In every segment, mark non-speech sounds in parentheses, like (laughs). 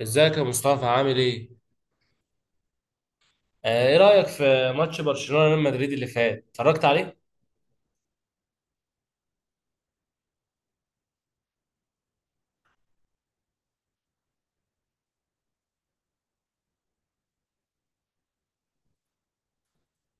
ازيك يا مصطفى، عامل ايه؟ آه، ايه رأيك في ماتش برشلونة ريال مدريد اللي فات؟ اتفرجت عليه؟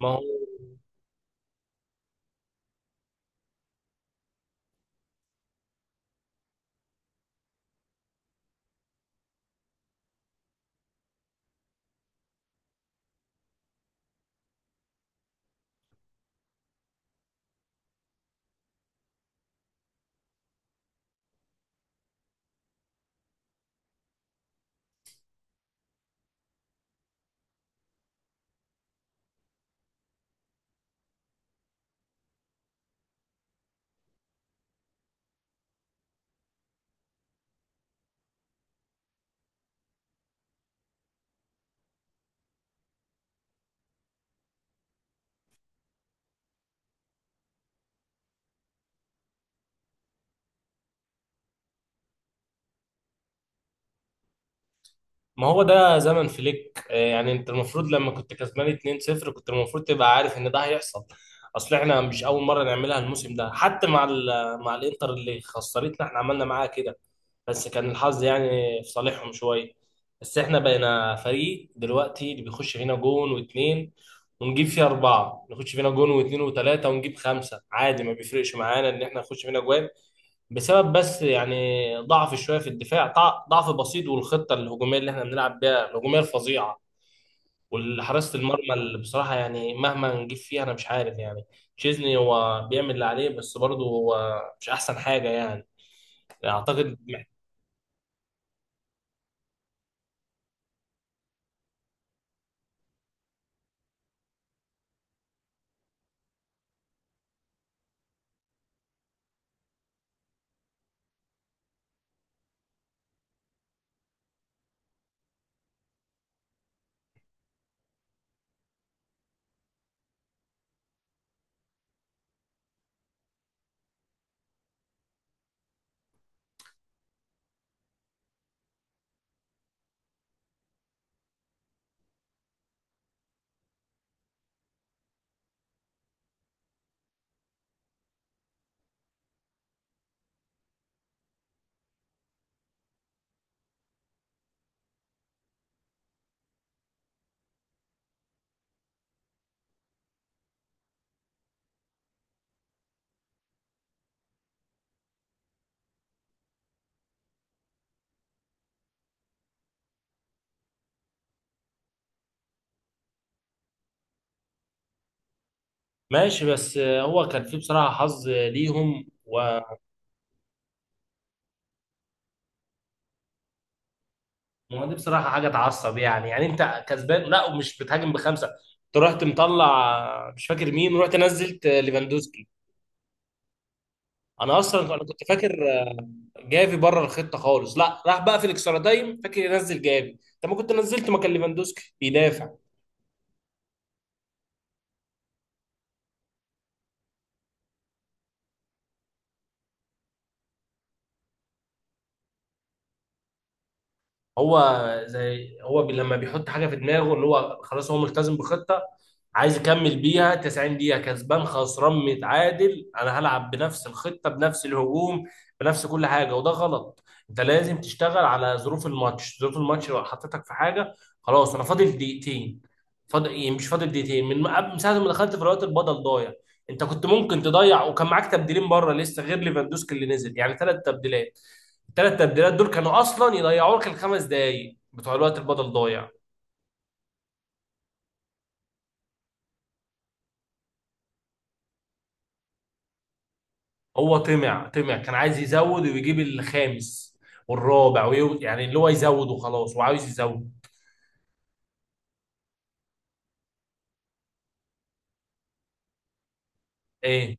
ما هو ما هو ده زمن فليك، يعني انت المفروض لما كنت كسبان 2-0 كنت المفروض تبقى عارف ان ده هيحصل. اصل احنا مش اول مرة نعملها الموسم ده حتى مع مع الانتر اللي خسرتنا، احنا عملنا معاها كده، بس كان الحظ يعني في صالحهم شويه. بس احنا بقينا فريق دلوقتي اللي بيخش فينا جون واتنين ونجيب فيه اربعه، نخش فينا جون واتنين وتلاته ونجيب خمسه، عادي، ما بيفرقش معانا ان احنا نخش فينا جوان، بسبب بس يعني ضعف شويه في الدفاع، ضعف بسيط، والخطه الهجوميه اللي احنا بنلعب بيها الهجوميه الفظيعه، والحراسه المرمى اللي بصراحه يعني مهما نجيب فيها انا مش عارف يعني. تشيزني هو بيعمل اللي عليه بس برضه هو مش احسن حاجه يعني، اعتقد. ماشي، بس هو كان في بصراحه حظ ليهم وما. دي بصراحه حاجه تعصب، يعني انت كسبان، لا ومش بتهاجم بخمسه، انت رحت مطلع مش فاكر مين ورحت نزلت ليفاندوسكي. انا اصلا انا كنت فاكر جافي بره الخطه خالص، لا راح بقى في الاكسترا تايم فاكر ينزل جافي، انت ما كنت نزلت مكان ليفاندوسكي بيدافع. هو زي هو بي لما بيحط حاجه في دماغه ان هو خلاص هو ملتزم بخطه، عايز يكمل بيها 90 دقيقه كسبان خسران متعادل، انا هلعب بنفس الخطه بنفس الهجوم بنفس كل حاجه، وده غلط. انت لازم تشتغل على ظروف الماتش، ظروف الماتش لو حطيتك في حاجه، خلاص انا فاضل دقيقتين، فاضل إيه، مش فاضل دقيقتين من من ساعه ما دخلت في الوقت البدل ضايع. انت كنت ممكن تضيع وكان معاك تبديلين بره لسه غير ليفاندوسكي اللي نزل، يعني ثلاث تبديلات، الثلاث تبديلات دول كانوا اصلا يضيعوا لك الخمس دقايق بتوع الوقت البدل ضايع. هو طمع طمع كان عايز يزود ويجيب الخامس والرابع، يعني اللي هو يزود وخلاص وعاوز يزود ايه.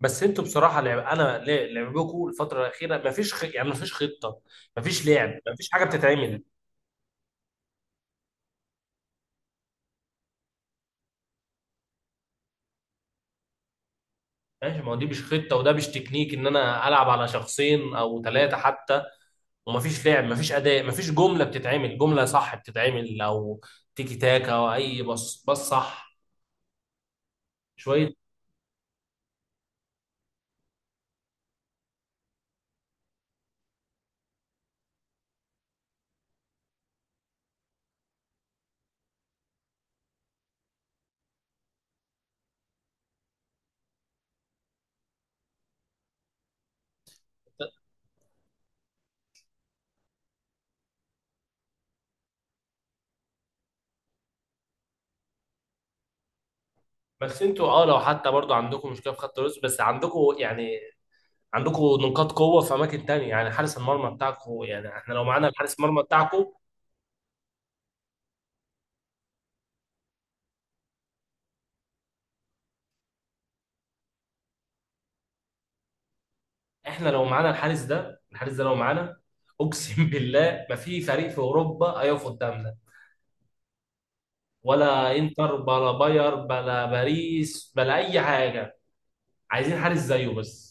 بس انتوا بصراحه لعب انا لعبكم الفتره الاخيره ما فيش يعني ما فيش خطه، ما فيش لعب، ما فيش حاجه بتتعمل. ماشي، ما هو دي مش خطه وده مش تكنيك، ان انا العب على شخصين او ثلاثه حتى، وما فيش لعب ما فيش اداء ما فيش جمله بتتعمل، جمله صح بتتعمل، او تيكي تاكا، او اي بص بص صح شويه. بس انتوا لو حتى برضو عندكم مشكله في خط الوسط، بس عندكم يعني عندكم نقاط قوه في اماكن تانية، يعني حارس المرمى بتاعكم، يعني احنا لو معانا الحارس المرمى بتاعكم، احنا لو معانا الحارس ده، الحارس ده لو معانا، اقسم (laughs) بالله ما في فريق في اوروبا هيقف قدامنا، ولا انتر بلا باير بلا باريس بلا اي حاجه. عايزين حارس زيه بس،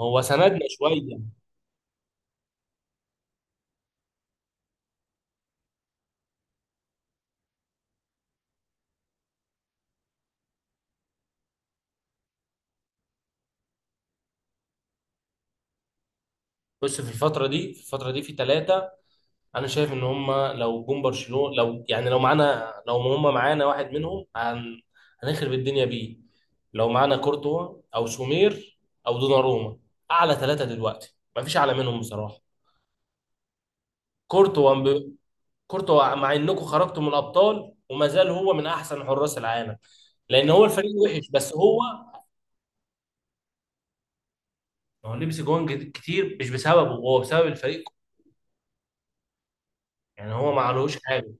هو سندنا شويه. بص، في الفتره دي في الفتره دي في ثلاثه، انا شايف ان هم لو جم برشلونه، لو يعني لو معانا، لو هم معانا واحد منهم هنخرب الدنيا بيه، لو معانا كورتوا او سومير او دوناروما، اعلى ثلاثه دلوقتي ما فيش اعلى منهم بصراحه. كورتوا ب... كورتوا مع انكم خرجتوا من الابطال وما زال هو من احسن حراس العالم، لان هو الفريق وحش بس هو، هو لبس جوان كتير مش بسببه، هو بسبب الفريق، يعني هو ما عليهوش حاجه.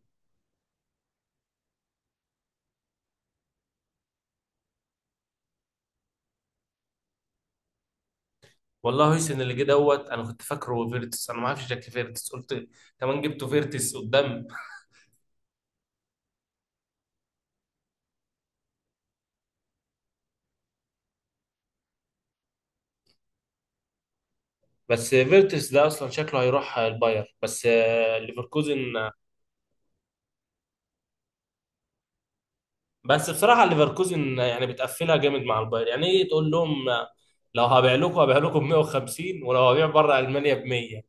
والله هيسن اللي جه دوت انا كنت فاكره فيرتس، انا ما اعرفش شكل فيرتس قلت كمان جبته فيرتس قدام. بس فيرتس ده اصلا شكله هيروح الباير، بس ليفركوزن. بس بصراحه ليفركوزن يعني بتقفلها جامد مع الباير، يعني ايه تقول لهم، لو هبيع لكم، ب 150 ولو هبيع بره المانيا ب 100،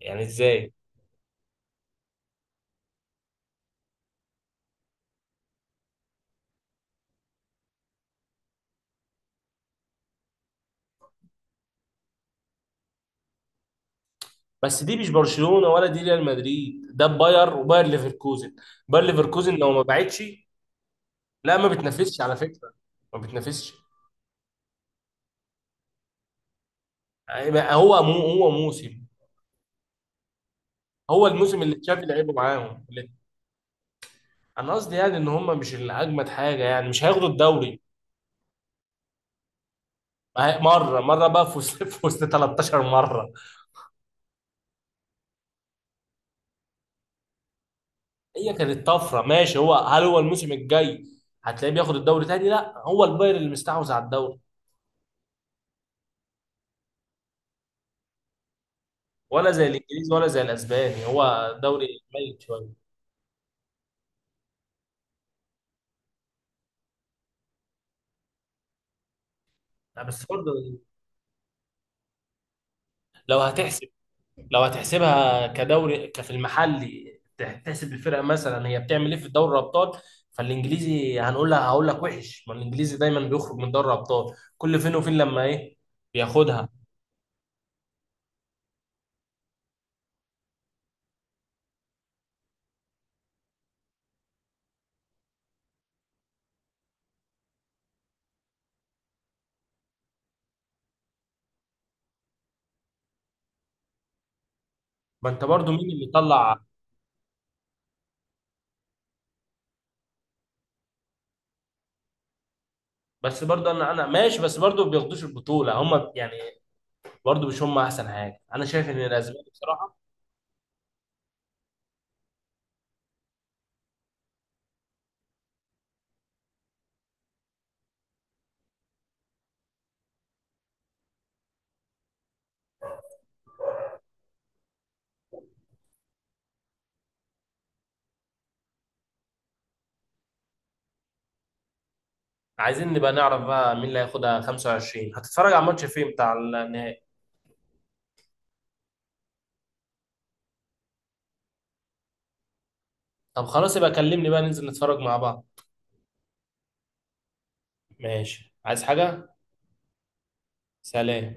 يعني ازاي. بس دي مش برشلونه ولا دي ريال مدريد، ده باير، وباير ليفركوزن، باير ليفركوزن لو ما باعتش، لا ما بتنافسش على فكره، ما بتنافسش. هو موسم، هو الموسم اللي تشافي لعبه معاهم، انا قصدي يعني ان هم مش الاجمد حاجه، يعني مش هياخدوا الدوري. ما هي- مره مره بقى في وسط (laughs) في وسط 13 مره، هي كانت طفره، ماشي، هو هل هو الموسم الجاي هتلاقيه بياخد الدوري تاني؟ لا، هو البايرن اللي مستحوذ على الدوري، ولا زي الانجليزي ولا زي الاسباني، هو دوري ميت شويه. لا، بس برضه، لو هتحسب لو هتحسبها كدوري كفي المحلي، تحسب الفرقه مثلا هي بتعمل ايه في دوري الابطال، فالانجليزي هنقول لها هقول لك وحش، ما الانجليزي دايما بيخرج من دوري الابطال، كل فين وفين لما ايه بياخدها. ما انت برضو مين اللي طلع، بس برضو انا ماشي، بس برضو ما بياخدوش البطوله هم يعني، برضو مش هم احسن حاجه، انا شايف ان الاسبان بصراحه. عايزين نبقى نعرف بقى مين اللي هياخدها 25، هتتفرج على الماتش فين بتاع النهائي؟ طب خلاص، يبقى كلمني بقى ننزل نتفرج مع بعض. ماشي، عايز حاجه؟ سلام.